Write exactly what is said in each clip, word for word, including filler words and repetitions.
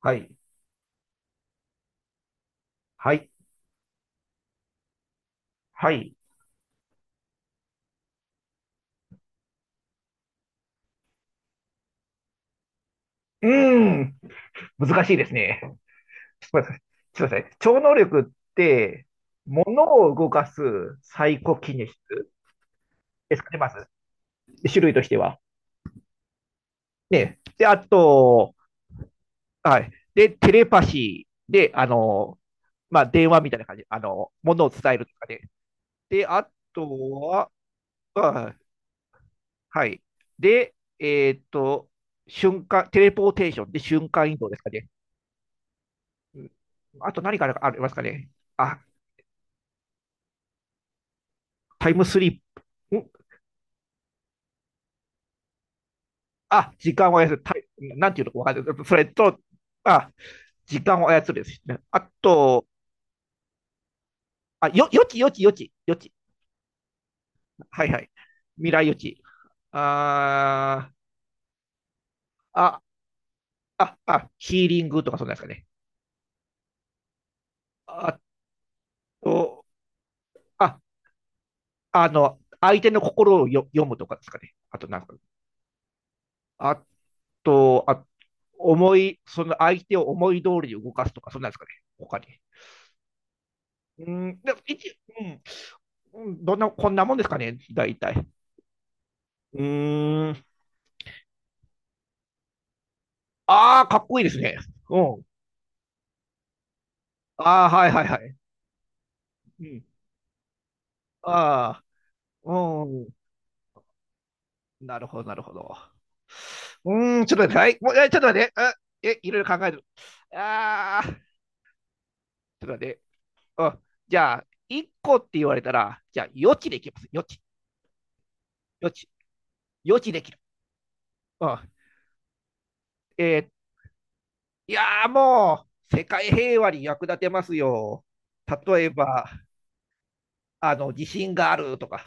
はい。はい。はい。うーん。難しいですね。ちょっと待ってください。ちょっと待ってください超能力って、物を動かすサイコキネシスですかね、まず。種類としては。ね。で、あと、はい。で、テレパシーで、あの、まあ、電話みたいな感じ。あの、物を伝えるとかね。で、あとは、あはい。で、えーっと、瞬間、テレポーテーションで瞬間移動ですかね。うん、あと何かありますかね。あ、タイムスリップ、ん、あ、時間を操る、タイなんていうのかわかんない。それと、あ、時間を操るですね。あと、あ、よ、予知、予知、予知、予知。はいはい。未来予知。あー、あ、あ、あ、ヒーリングとかそんなんですかね。あと、あ、あの、相手の心をよ読むとかですかね。あと、なんか、あと、あ、思い、その相手を思い通りに動かすとか、そんなんですかね。他に。うん、でも一、うん、どんな、こんなもんですかね、大体。うーん。ああ、かっこいいですね。うん。ああ、はいはいはい。うん。ああ、うん。なるほど、なるほど。うーん、ちょっと待って、はい。もう、え、ちょっと待って。あ、え、いろいろ考える。ああ、ちょっと待って。うん。じゃあ、いっこって言われたら、じゃあ、予知できます。予知、予知、予知できる。うん。え、ーいやー、もう、世界平和に役立てますよ。例えば、あの、地震があるとか。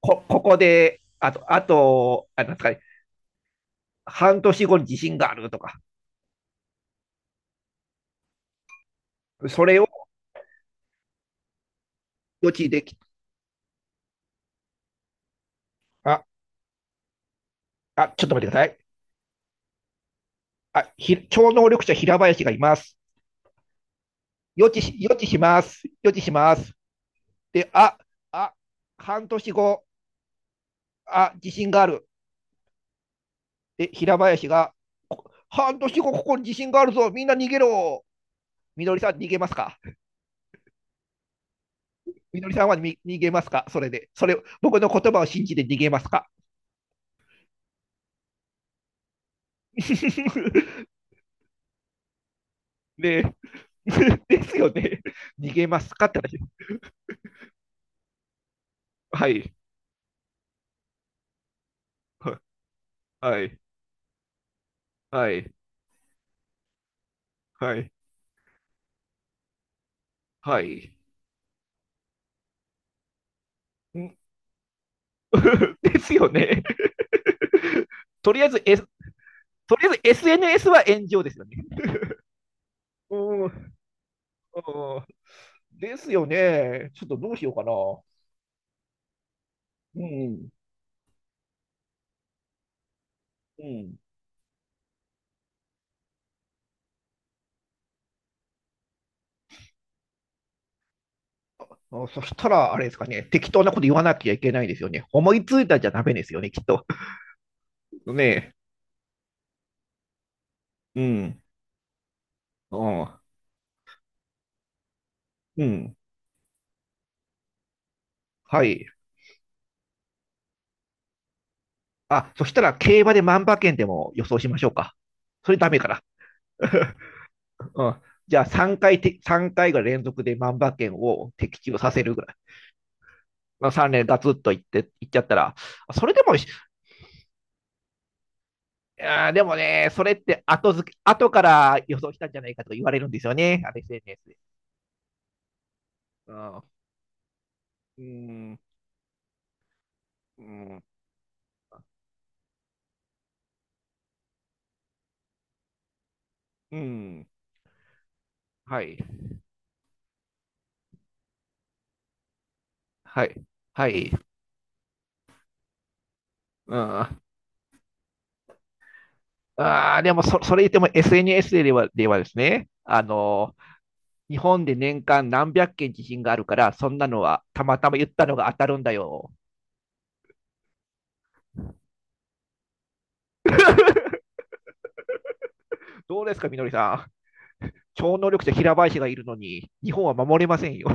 こ、ここで、あと、あと、あ、なんですかね、半年後に地震があるとか、それを予知でき、あ、あ、ちょっと待ってください。あ、ひ、超能力者平林がいます。予知し、予知します。予知します。で、あ、あ、半年後、あ、地震がある。で、平林が、半年後ここに地震があるぞ。みんな逃げろ。みのりさん逃げますか。みのりさんは逃げますかそれで。それ、僕の言葉を信じて逃げますか。 で、ですよね。逃げますかって話。はい。は、はい。はい。はい。はい。うん。 ですよね。とりあえず、S、とりあえず エスエヌエス は炎上ですよね。うん。うん、ですよね。ちょっとどうしようかな。うん。うん。あ、そしたら、あれですかね。適当なこと言わなきゃいけないですよね。思いついたじゃダメですよね、きっと。ねえ。うん。うん。うん。はい。あ、そしたら競馬で万馬券でも予想しましょうか。それダメかな。うん、じゃあさんかいて、さんかいが連続で万馬券を的中させるぐらい。まあ、さん連ガツッといって、いっちゃったら、それでもい、やーでもね、それって後付け、後から予想したんじゃないかとか言われるんですよね、あれ エスエヌエス で。うん、うん、うん、うん、はい、はい、はい。うん、ああ、でもそ、それ言っても エスエヌエス では、ではですね、あのー日本で年間なんびゃっけん地震があるから、そんなのはたまたま言ったのが当たるんだよ。どうですか、みのりさん。超能力者平林がいるのに、日本は守れませんよ。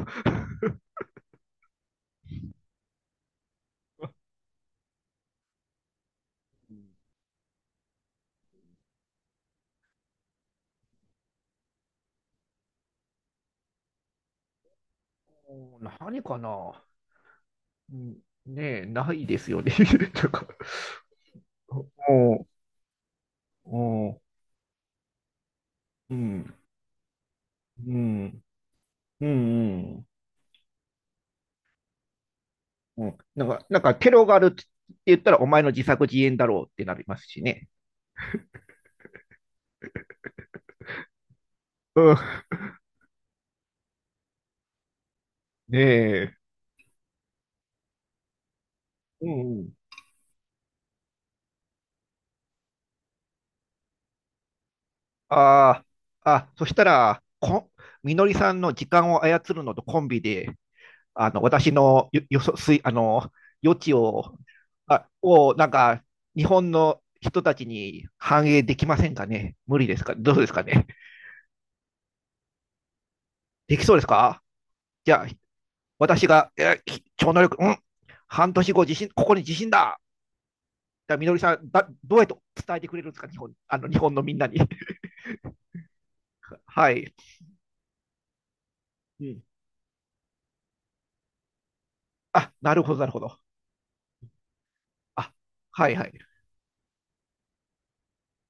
何かな、ねえ、ないですよね。なんか、おお、うん、うん、うん、うん。うん、なんか、なんか、テロがあるって言ったら、お前の自作自演だろうってなりますしね。うん、ねえ。うん、ああ、あ、そしたら、こ、みのりさんの時間を操るのとコンビで、あの、私のよ、よそ、すい、あの、余地を、あ、を、なんか、日本の人たちに反映できませんかね。無理ですか。どうですかね。できそうですか。じゃあ、私が、えー、超能力、うん、半年後、地震、ここに地震だ。じゃあ、みのりさん、だ、どうやって伝えてくれるんですか、日本、あの、日本のみんなに。はい。うん、あ、なるほど、なるほど。あ、はい、はい。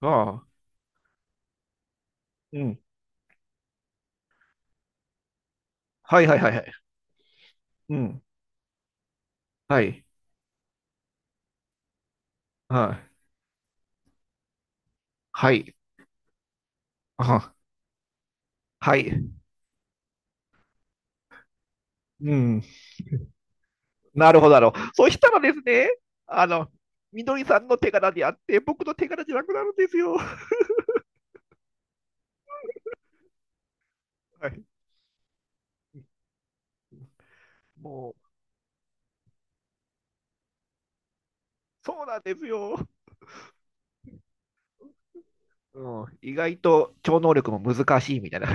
ああ。うん、はいはいはいはい。うん。はい。はい。はい。あ、はい。うん。なるほど、なるほど。そしたらですね、あの、みどりさんの手柄であって、僕の手柄じゃなくなるんですよ。はい。もう、そうなんですよ。うん。意外と超能力も難しいみたいな。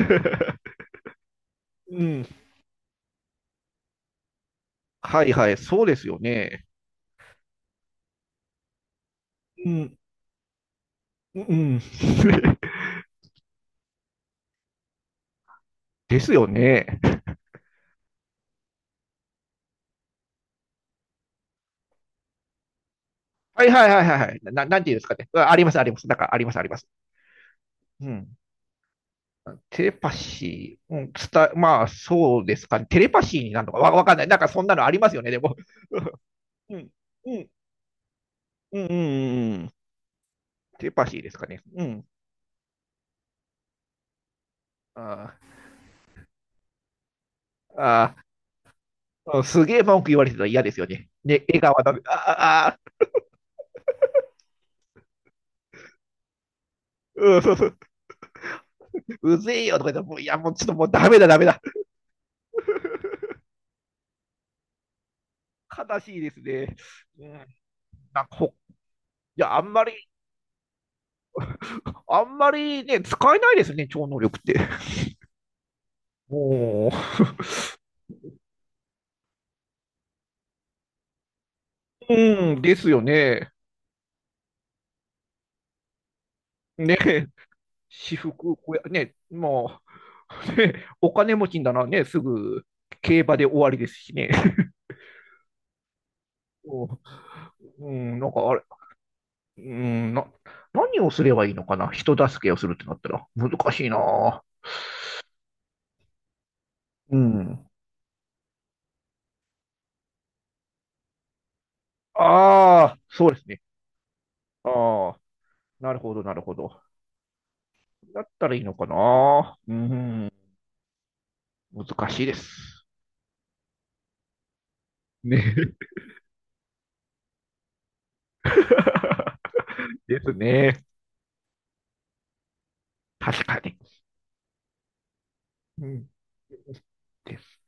うん。はいはい。そうですよね。うん。うん。ですよね。はいはいはいはいはい。な、なんていうんですかね。あ、ありますあります。なんかありますあります。うん。テレパシー、うん、伝え、まあ、そうですかね。テレパシーになるのかわ、わかんない。なんかそんなのありますよね、でも。うん、うん、うん、うん、うん。テレパシーですかね。うん。あー、あー、うん、すげえ文句言われてたら嫌ですよね。ね、笑顔はダメ。ああ、ああ、うん、そうそう、うぜえよとか言ったら、もういや、もうちょっと、もうダメだ、ダメだ。悲しいですね。うん、なんかほ、いや、あんまり、あんまりね、使えないですね、超能力って。もう、うん、ですよね。ね、私服、これね、もう、ね、お金持ちんだな、ね、すぐ競馬で終わりですしね。うん、なんかあれ、うんな、何をすればいいのかな、人助けをするってなったら、難しいな。うん。ああ、そうですね。ああ、なるほど、なるほど。だったらいいのかな。うん、難しいです。ね。ですね。確かに。うん、で